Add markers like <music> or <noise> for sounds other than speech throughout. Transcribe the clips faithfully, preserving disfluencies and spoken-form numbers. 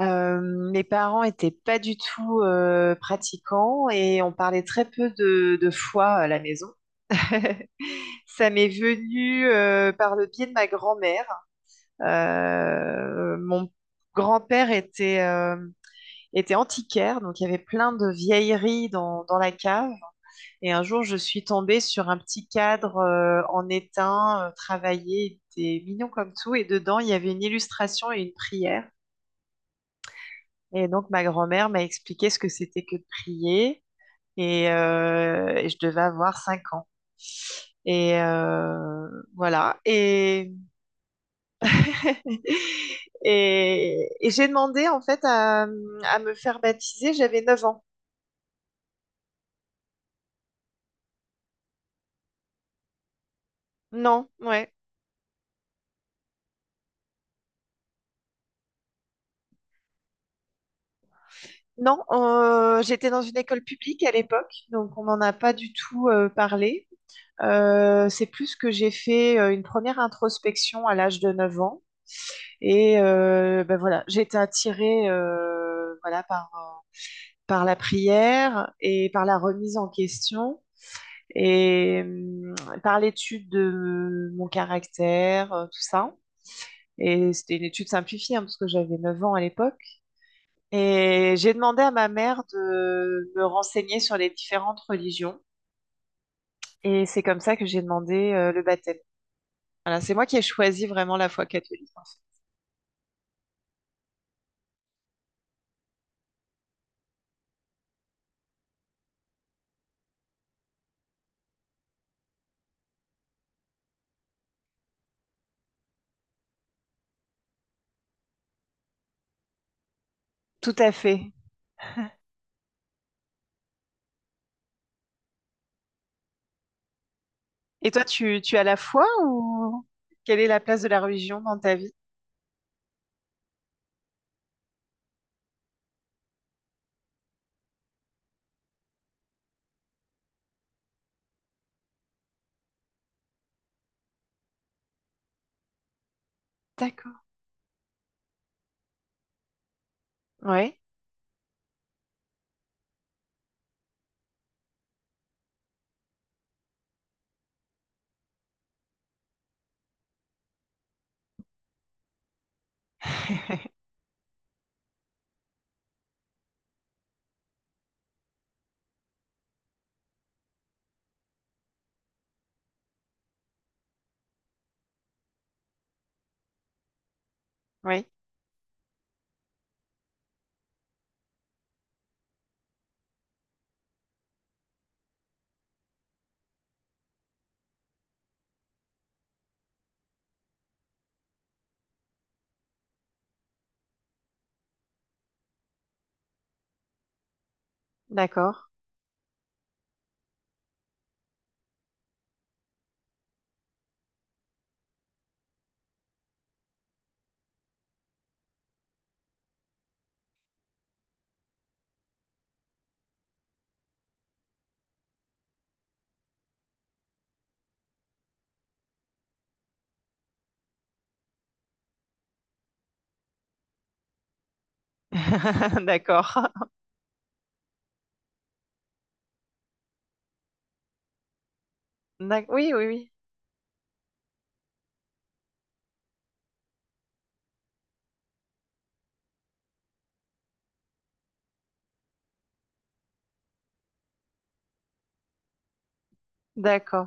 Euh, mes parents étaient pas du tout euh, pratiquants et on parlait très peu de, de foi à la maison. <laughs> Ça m'est venu euh, par le biais de ma grand-mère. Euh, mon grand-père était, euh, était antiquaire, donc il y avait plein de vieilleries dans, dans la cave. Et un jour, je suis tombée sur un petit cadre euh, en étain, euh, travaillé, il était mignon comme tout, et dedans, il y avait une illustration et une prière. Et donc, ma grand-mère m'a expliqué ce que c'était que de prier et, euh, et je devais avoir cinq ans. Et euh, voilà. Et, <laughs> et, et j'ai demandé en fait à, à me faire baptiser. J'avais neuf ans. Non, ouais. Non, euh, j'étais dans une école publique à l'époque, donc on n'en a pas du tout euh, parlé. Euh, c'est plus que j'ai fait euh, une première introspection à l'âge de neuf ans. Et euh, ben voilà, j'ai été attirée euh, voilà, par, par la prière et par la remise en question et euh, par l'étude de mon caractère, euh, tout ça. Et c'était une étude simplifiée, hein, parce que j'avais neuf ans à l'époque. Et j'ai demandé à ma mère de me renseigner sur les différentes religions. Et c'est comme ça que j'ai demandé euh, le baptême. Voilà, c'est moi qui ai choisi vraiment la foi catholique, en fait. Tout à fait. Et toi, tu, tu as la foi ou quelle est la place de la religion dans ta vie? D'accord. Oui. <laughs> Oui. D'accord. <laughs> D'accord. D'ac- Oui, oui, oui. D'accord.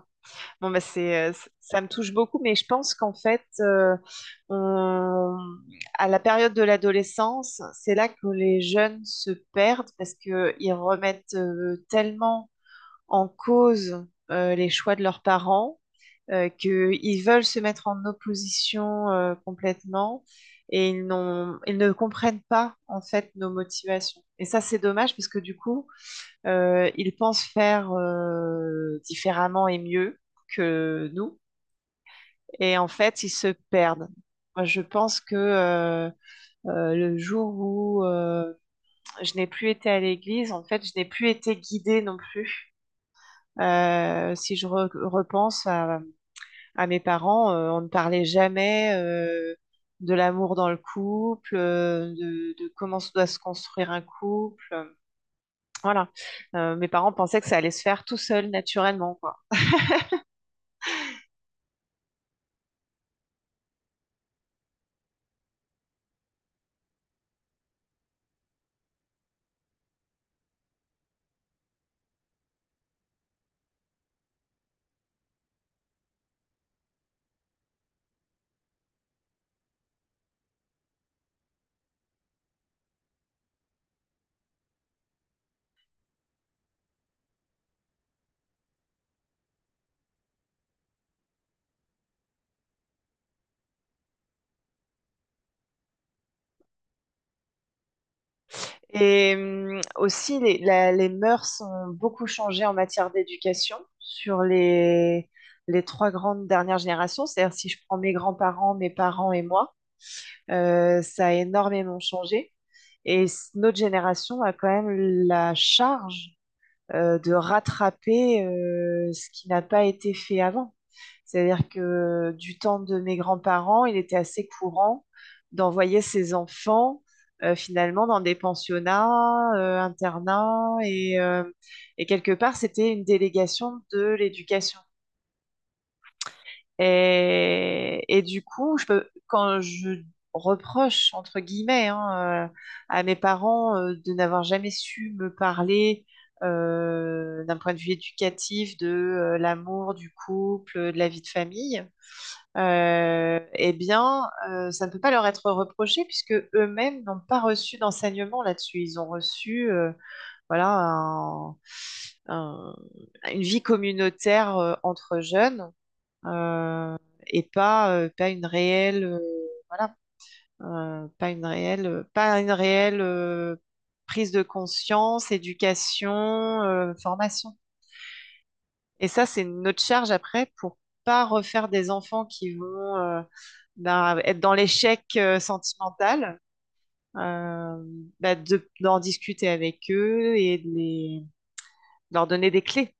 Bon, bah, c'est, euh, c- ça me touche beaucoup, mais je pense qu'en fait, euh, on- à la période de l'adolescence, c'est là que les jeunes se perdent parce qu'ils remettent euh, tellement en cause euh, les choix de leurs parents, euh, qu'ils veulent se mettre en opposition euh, complètement et ils n'ont, ils ne comprennent pas en fait nos motivations. Et ça, c'est dommage parce que du coup, euh, ils pensent faire euh, différemment et mieux que nous et en fait, ils se perdent. Moi, je pense que euh, euh, le jour où euh, je n'ai plus été à l'église, en fait, je n'ai plus été guidée non plus euh, si je re- repense à, à mes parents, euh, on ne parlait jamais euh, de l'amour dans le couple, euh, de, de comment se doit se construire un couple. euh, Voilà. Euh, mes parents pensaient que ça allait se faire tout seul, naturellement, quoi. Et hum, aussi, les, la- les mœurs ont beaucoup changé en matière d'éducation sur les, les trois grandes dernières générations. C'est-à-dire, si je prends mes grands-parents, mes parents et moi. Euh, ça a énormément changé. Et s- notre génération a quand même la charge euh, de rattraper euh, ce qui n'a pas été fait avant. C'est-à-dire que du temps de mes grands-parents, il était assez courant d'envoyer ses enfants euh, finalement dans des pensionnats, euh, internats, et, euh, et quelque part, c'était une délégation de l'éducation. Et, et du coup, je peux, quand je reproche, entre guillemets, hein, euh, à mes parents euh, de n'avoir jamais su me parler euh, d'un point de vue éducatif de euh, l'amour, du couple, de la vie de famille, euh, eh bien, euh, ça ne peut pas leur être reproché puisque eux-mêmes n'ont pas reçu d'enseignement là-dessus. Ils ont reçu, euh, voilà, un- un- une vie communautaire euh, entre jeunes euh, et pas, euh, pas une réelle, euh, voilà, euh, pas une réelle, euh, pas une réelle euh, prise de conscience, éducation, euh, formation. Et ça, c'est notre charge après pour pas refaire des enfants qui vont euh, ben, être dans l'échec euh, sentimental. euh, ben, de, D'en discuter avec eux et de les, leur donner des clés.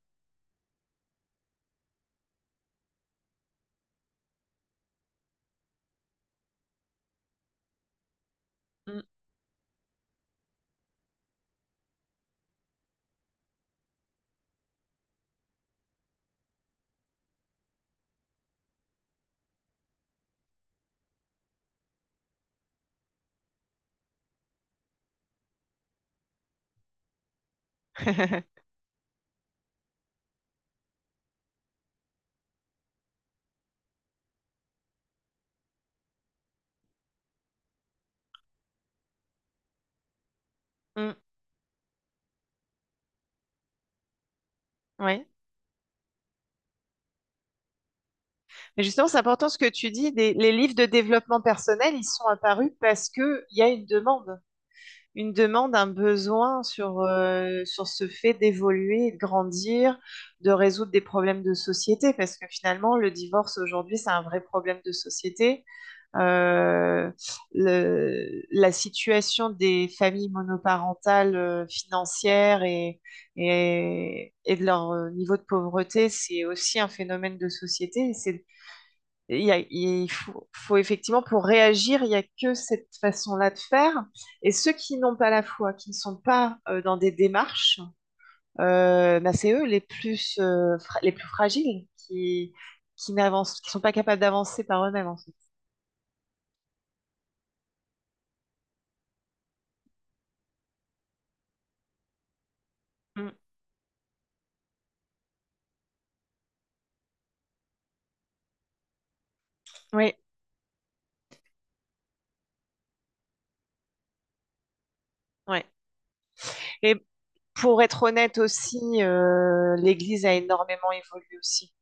Mm. <laughs> Mm. Ouais. Mais justement, c'est important ce que tu dis. Des- les livres de développement personnel, ils sont apparus parce qu'il y a une demande, une demande, un besoin sur, euh, sur ce fait d'évoluer, de grandir, de résoudre des problèmes de société. Parce que finalement, le divorce aujourd'hui, c'est un vrai problème de société. Euh, le- la situation des familles monoparentales, euh, financières et, et, et de leur euh, niveau de pauvreté, c'est aussi un phénomène de société. Et c'est il y a- il faut, faut effectivement, pour réagir, il n'y a que cette façon-là de faire. Et ceux qui n'ont pas la foi, qui ne sont pas euh, dans des démarches, euh, bah, c'est eux les plus, euh, fra- les plus fragiles qui, qui n'avancent, qui sont pas capables d'avancer par eux-mêmes, en fait. Mm. Oui, oui. Et pour être honnête aussi, euh, l'Église a énormément évolué aussi.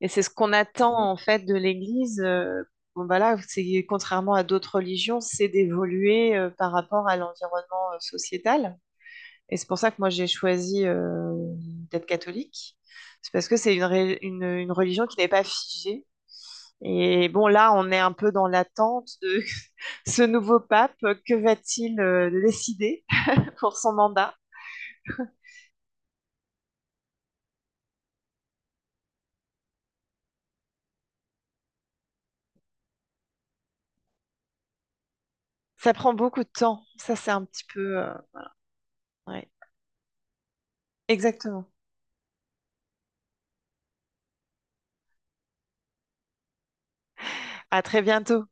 Et c'est ce qu'on attend en fait de l'Église. Euh, bon, voilà, c'est contrairement à d'autres religions, c'est d'évoluer euh, par rapport à l'environnement euh, sociétal. Et c'est pour ça que moi j'ai choisi euh, d'être catholique. C'est parce que c'est une, ré- une- une religion qui n'est pas figée. Et bon, là, on est un peu dans l'attente de <laughs> ce nouveau pape. Que va-t-il euh, décider <laughs> pour son mandat? Ça prend beaucoup de temps. Ça, c'est un petit peu. Euh, ouais. Exactement. À très bientôt.